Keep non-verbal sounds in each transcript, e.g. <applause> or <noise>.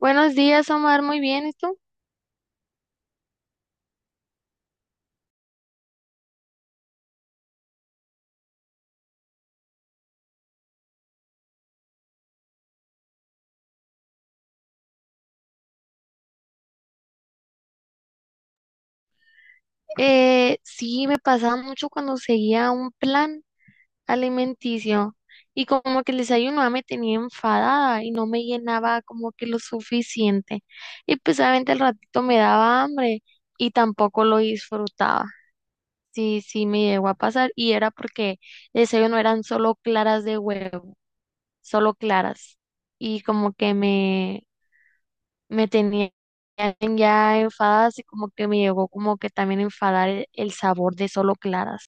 Buenos días, Omar. Muy bien, ¿y tú? Sí, me pasaba mucho cuando seguía un plan alimenticio y como que el desayuno ya me tenía enfadada y no me llenaba como que lo suficiente. Y pues obviamente al ratito me daba hambre y tampoco lo disfrutaba. Sí, me llegó a pasar y era porque el desayuno eran solo claras de huevo, solo claras. Y como que me tenían ya enfadadas y como que me llegó como que también a enfadar el sabor de solo claras.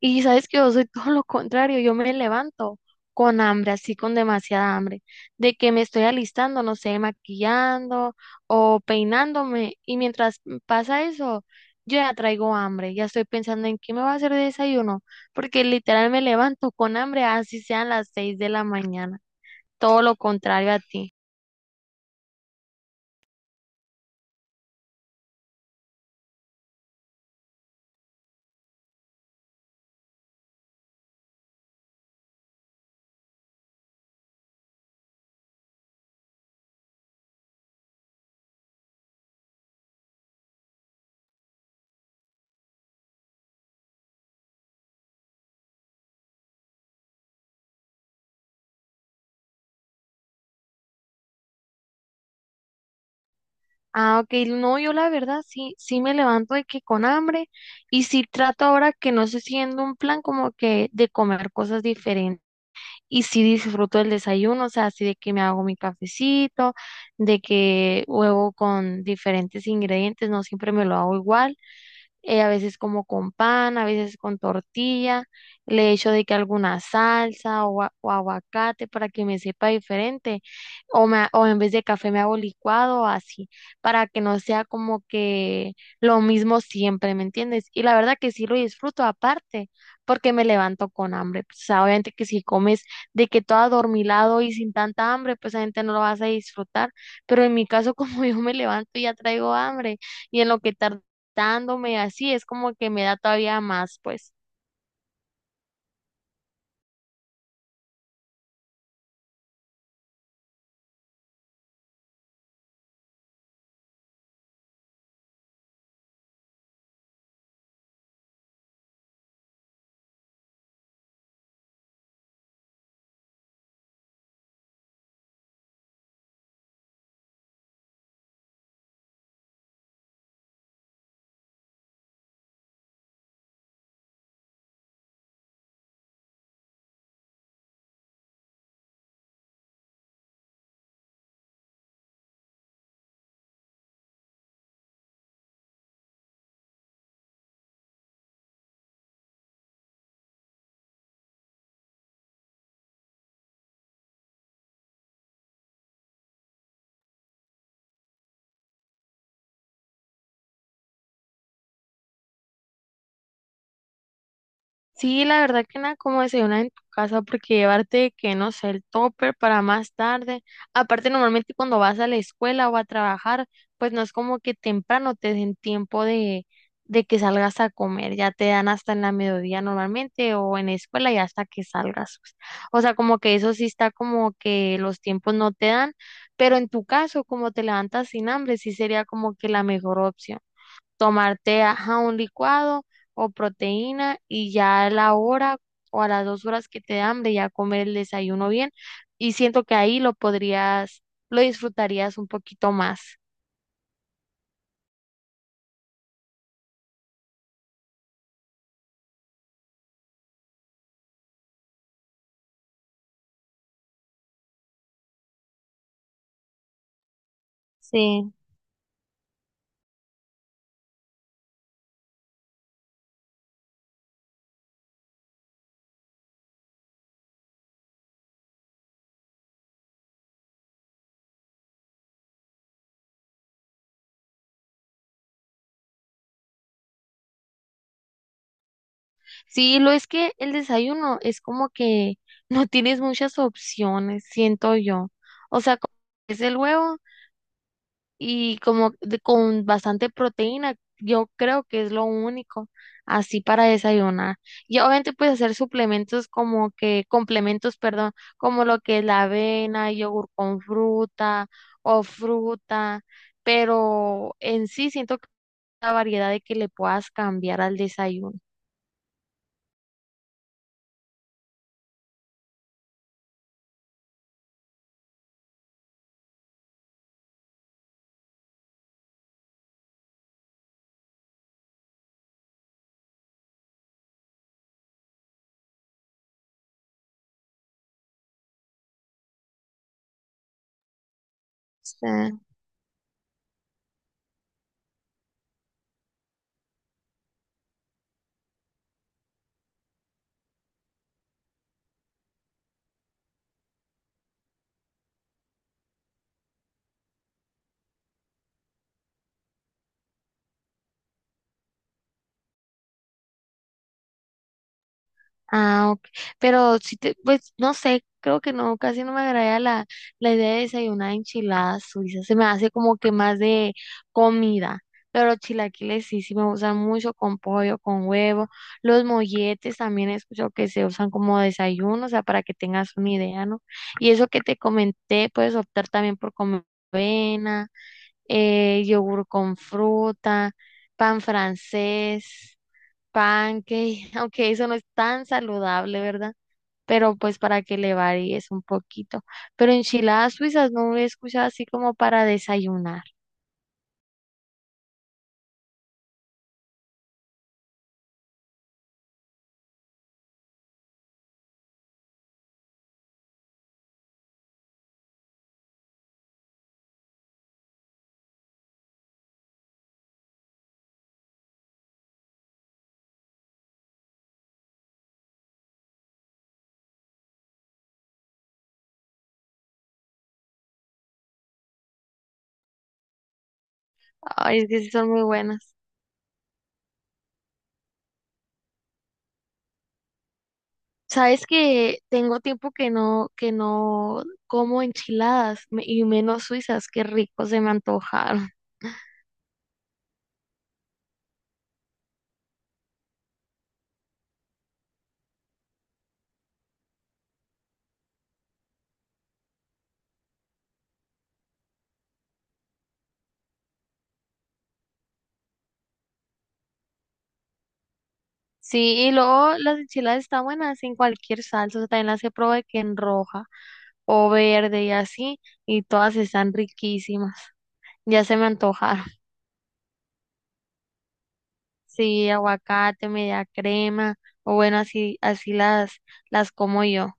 Y sabes que yo soy <laughs> todo lo contrario, yo me levanto con hambre, así con demasiada hambre, de que me estoy alistando, no sé, maquillando o peinándome y mientras pasa eso, yo ya traigo hambre, ya estoy pensando en qué me va a hacer de desayuno, porque literal me levanto con hambre, así sean las seis de la mañana, todo lo contrario a ti. Ah, ok, no, yo la verdad sí me levanto de que con hambre y sí trato ahora que no estoy siguiendo un plan como que de comer cosas diferentes y sí disfruto el desayuno, o sea, así de que me hago mi cafecito, de que huevo con diferentes ingredientes, no siempre me lo hago igual, a veces como con pan, a veces con tortilla, le echo de que alguna salsa o aguacate para que me sepa diferente, o, o en vez de café me hago licuado o así, para que no sea como que lo mismo siempre, ¿me entiendes? Y la verdad que sí lo disfruto aparte, porque me levanto con hambre, pues, o sea, obviamente que si comes de que todo adormilado y sin tanta hambre, pues obviamente no lo vas a disfrutar, pero en mi caso <laughs> como yo me levanto y ya traigo hambre y en lo que tarda dándome así, es como que me da todavía más, pues. Sí, la verdad que nada como desayunar en tu casa porque llevarte, que no sé, el topper para más tarde. Aparte, normalmente cuando vas a la escuela o a trabajar, pues no es como que temprano te den tiempo de que salgas a comer, ya te dan hasta en la mediodía normalmente o en la escuela ya hasta que salgas, pues. O sea, como que eso sí está como que los tiempos no te dan, pero en tu caso, como te levantas sin hambre, sí sería como que la mejor opción. Tomarte, ajá, un licuado o proteína y ya a la hora o a las dos horas que te dé hambre ya comer el desayuno bien y siento que ahí lo podrías, lo disfrutarías un poquito más. Sí, sí, lo es que el desayuno es como que no tienes muchas opciones, siento yo. O sea, como es el huevo y con bastante proteína, yo creo que es lo único así para desayunar. Y obviamente puedes hacer suplementos como que, complementos, perdón, como lo que es la avena, yogur con fruta o fruta, pero en sí siento que la variedad de que le puedas cambiar al desayuno. Sí. Ah, ok. Pero si te, pues no sé, creo que no, casi no me agrada la idea de desayunar enchiladas suizas. Se me hace como que más de comida. Pero los chilaquiles sí me gustan mucho con pollo, con huevo. Los molletes también he escuchado que se usan como desayuno, o sea, para que tengas una idea, ¿no? Y eso que te comenté, puedes optar también por comer avena, yogur con fruta, pan francés. Pancake, <laughs> aunque eso no es tan saludable, ¿verdad? Pero pues para que le varíes un poquito. Pero enchiladas suizas no he escuchado así como para desayunar. Ay, es que sí son muy buenas. Sabes que tengo tiempo que no como y menos suizas, qué rico, se me antojaron. <laughs> Sí, y luego las enchiladas están buenas en cualquier salsa, o sea, también las he probado de que en roja o verde y así, y todas están riquísimas. Ya se me antojaron. Sí, aguacate, media crema, o bueno, así, así las como yo.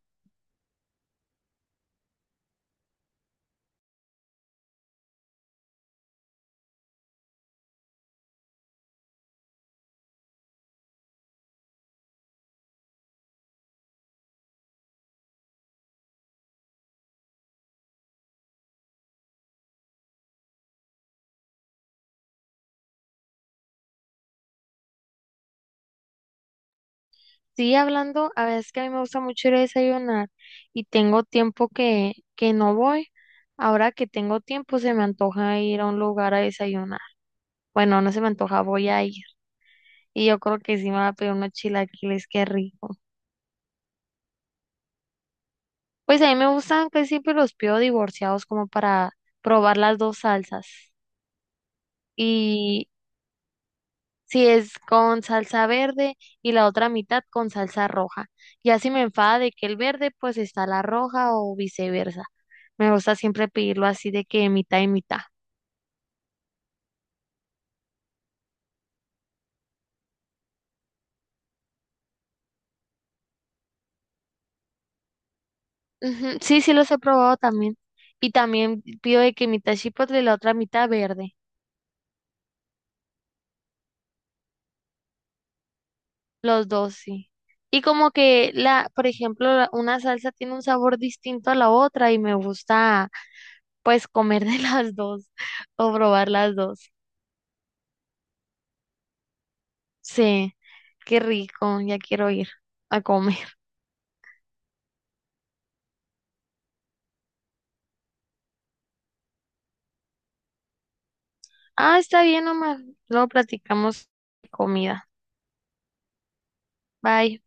Sí, hablando, a veces que a mí me gusta mucho ir a desayunar y tengo tiempo que no voy. Ahora que tengo tiempo, se me antoja ir a un lugar a desayunar. Bueno, no se me antoja, voy a ir. Y yo creo que sí me va a pedir unos chilaquiles, qué rico. Pues a mí me gustan, casi siempre los pido divorciados como para probar las dos salsas. Y si es con salsa verde y la otra mitad con salsa roja. Ya si me enfada de que el verde, pues está la roja o viceversa. Me gusta siempre pedirlo así de que mitad y mitad. Ujú. Sí, los he probado también. Y también pido de que mitad chipotle y la otra mitad verde. Los dos, sí. Y como que la, por ejemplo, la- una salsa tiene un sabor distinto a la otra y me gusta pues comer de <laughs> las dos o probar las dos. Sí. Qué rico, ya quiero ir a comer. <laughs> Ah, está bien, Omar. Luego platicamos de comida. Bye.